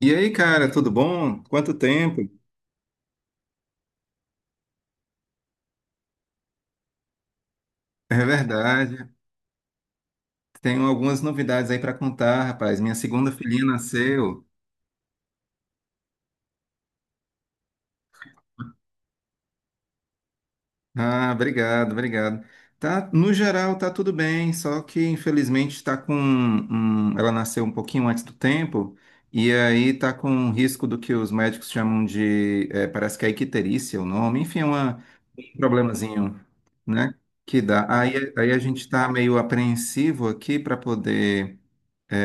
E aí, cara, tudo bom? Quanto tempo? É verdade. Tenho algumas novidades aí para contar, rapaz. Minha segunda filhinha nasceu. Ah, obrigado, obrigado. Tá, no geral, tá tudo bem, só que infelizmente ela nasceu um pouquinho antes do tempo e aí tá com um risco do que os médicos chamam de, parece que é icterícia o nome, enfim, um problemazinho, né? Que dá. Aí a gente está meio apreensivo aqui para poder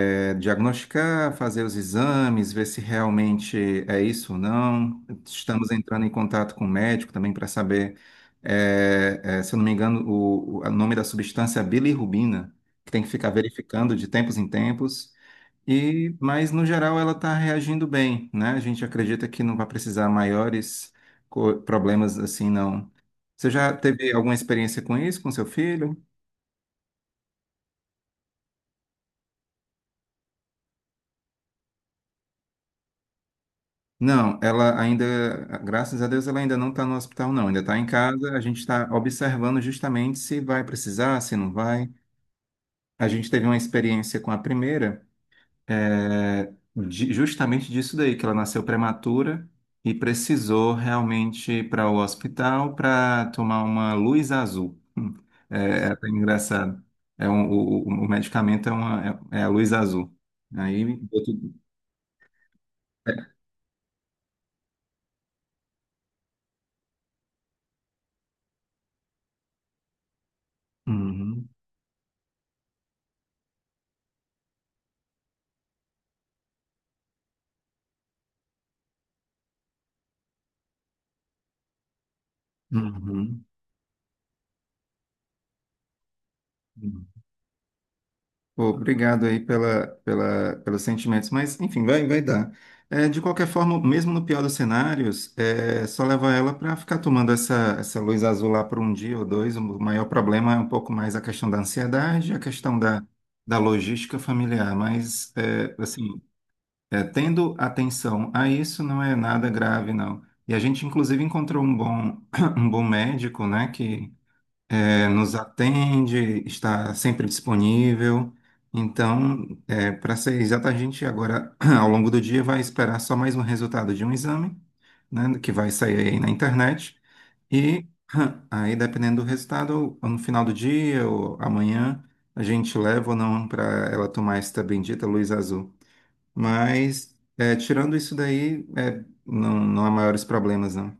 diagnosticar, fazer os exames, ver se realmente é isso ou não. Estamos entrando em contato com o médico também para saber, se eu não me engano, o nome da substância é bilirrubina, que tem que ficar verificando de tempos em tempos. E, mas no geral ela está reagindo bem, né? A gente acredita que não vai precisar maiores problemas assim, não. Você já teve alguma experiência com isso, com seu filho? Não, graças a Deus, ela ainda não está no hospital, não. Ainda está em casa. A gente está observando justamente se vai precisar, se não vai. A gente teve uma experiência com a primeira, justamente disso daí, que ela nasceu prematura e precisou realmente ir para o hospital para tomar uma luz azul. É, é até engraçado. O medicamento é a luz azul. Aí deu tudo. Uhum, uhum, uhum. Pô, obrigado aí pelos sentimentos, mas enfim, vai dar. É, de qualquer forma, mesmo no pior dos cenários, é, só leva ela para ficar tomando essa luz azul lá por um dia ou dois. O maior problema é um pouco mais a questão da ansiedade, da logística familiar, mas é, assim, é, tendo atenção a isso não é nada grave, não. E a gente, inclusive, encontrou um bom, um bom médico, né, que nos atende, está sempre disponível. Então, é, para ser exato, a gente agora, ao longo do dia, vai esperar só mais um resultado de um exame, né, que vai sair aí na internet. E aí, dependendo do resultado, ou no final do dia ou amanhã, a gente leva ou não para ela tomar esta bendita luz azul. Mas, é, tirando isso daí, é, não, não há maiores problemas, não.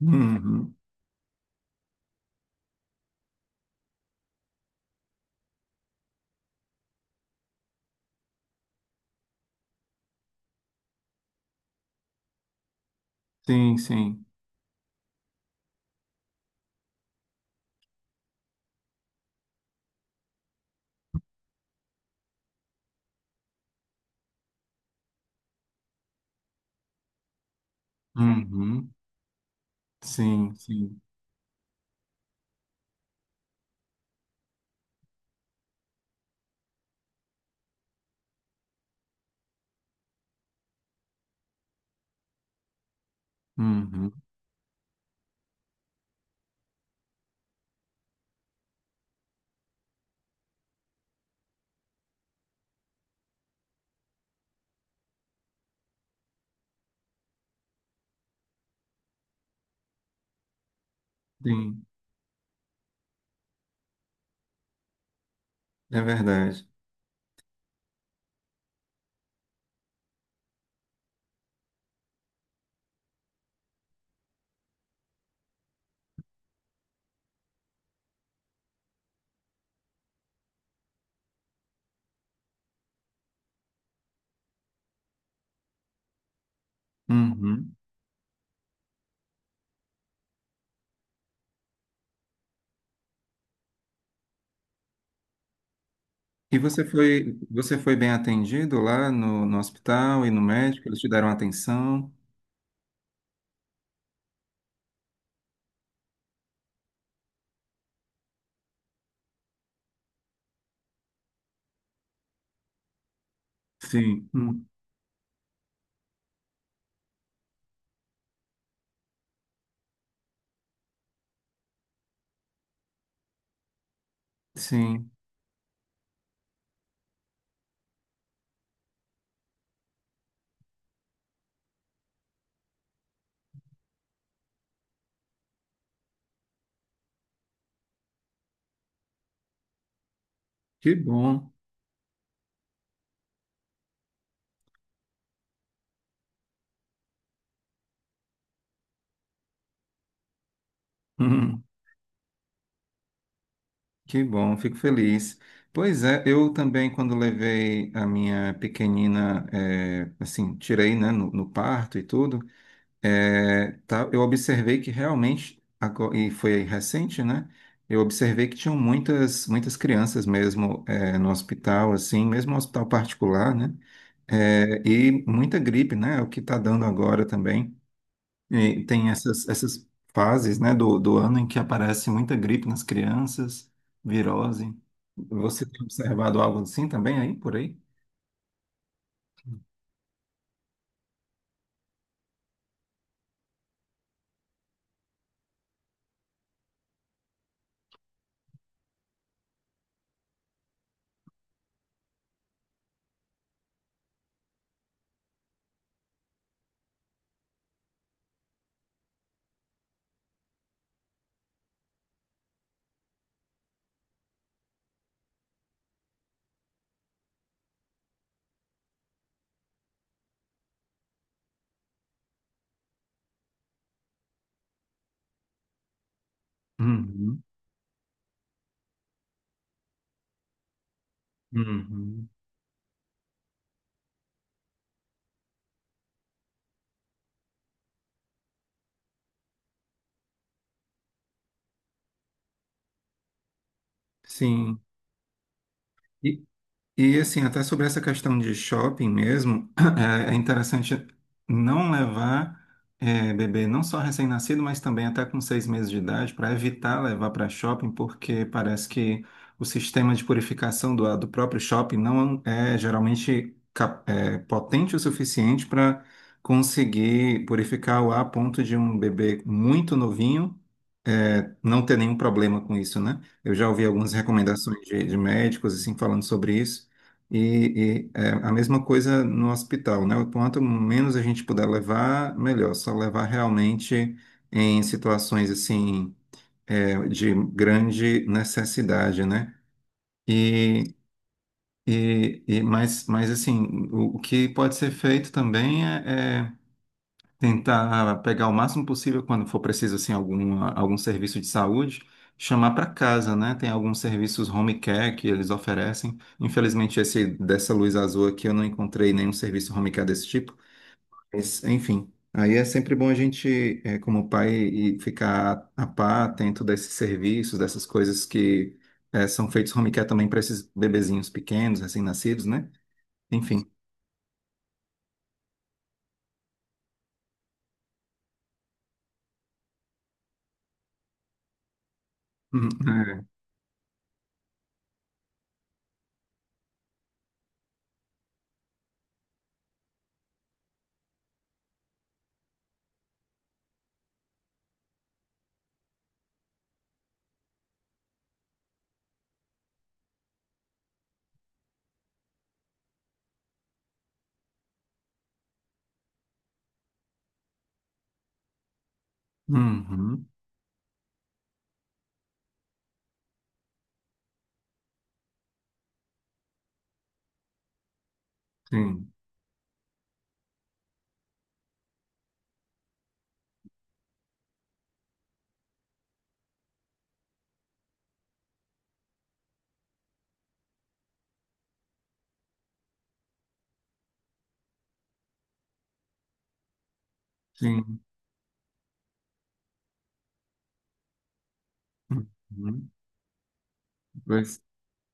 Uhum. Sim, sim. Uhum. Sim, sim. Uhum, sim, é verdade. Uhum. E você foi bem atendido lá no hospital e no médico? Eles te deram atenção? Sim, sim. Que bom. Hum, que bom, fico feliz. Pois é, eu também, quando levei a minha pequenina, assim, tirei, né, no parto e tudo, é, tá, eu observei que realmente, e foi recente, né? Eu observei que tinham muitas crianças mesmo é, no hospital, assim, mesmo no hospital particular, né? É, e muita gripe, né? O que está dando agora também. E tem essas fases, né, do ano em que aparece muita gripe nas crianças, virose. Você tem observado algo assim também aí, por aí? Uhum, uhum. Sim. E assim, até sobre essa questão de shopping mesmo, é é interessante não levar bebê não só recém-nascido, mas também até com 6 meses de idade, para evitar levar para shopping, porque parece que o sistema de purificação do próprio shopping não é geralmente potente o suficiente para conseguir purificar o ar a ponto de um bebê muito novinho é, não ter nenhum problema com isso, né? Eu já ouvi algumas Uhum. recomendações de médicos, assim, falando sobre isso, a mesma coisa no hospital, né? O quanto menos a gente puder levar, melhor. Só levar realmente em situações, assim, é, de grande necessidade, né? E, e assim, o que pode ser feito também é tentar pegar o máximo possível quando for preciso assim algum serviço de saúde, chamar para casa, né? Tem alguns serviços home care que eles oferecem. Infelizmente esse dessa luz azul aqui eu não encontrei nenhum serviço home care desse tipo. Mas, enfim, aí é sempre bom a gente, eh, como pai, e ficar a par atento desses serviços, dessas coisas que eh, são feitos home care também para esses bebezinhos pequenos, recém-nascidos, né? Enfim. É. Uhum, sim, sim. Uhum. Pois,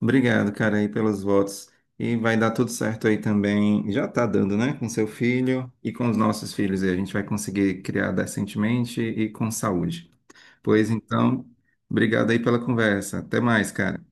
obrigado, cara, aí pelos votos. E vai dar tudo certo aí também. Já tá dando, né? Com seu filho e com os nossos filhos. E a gente vai conseguir criar decentemente e com saúde. Pois então, obrigado aí pela conversa. Até mais, cara.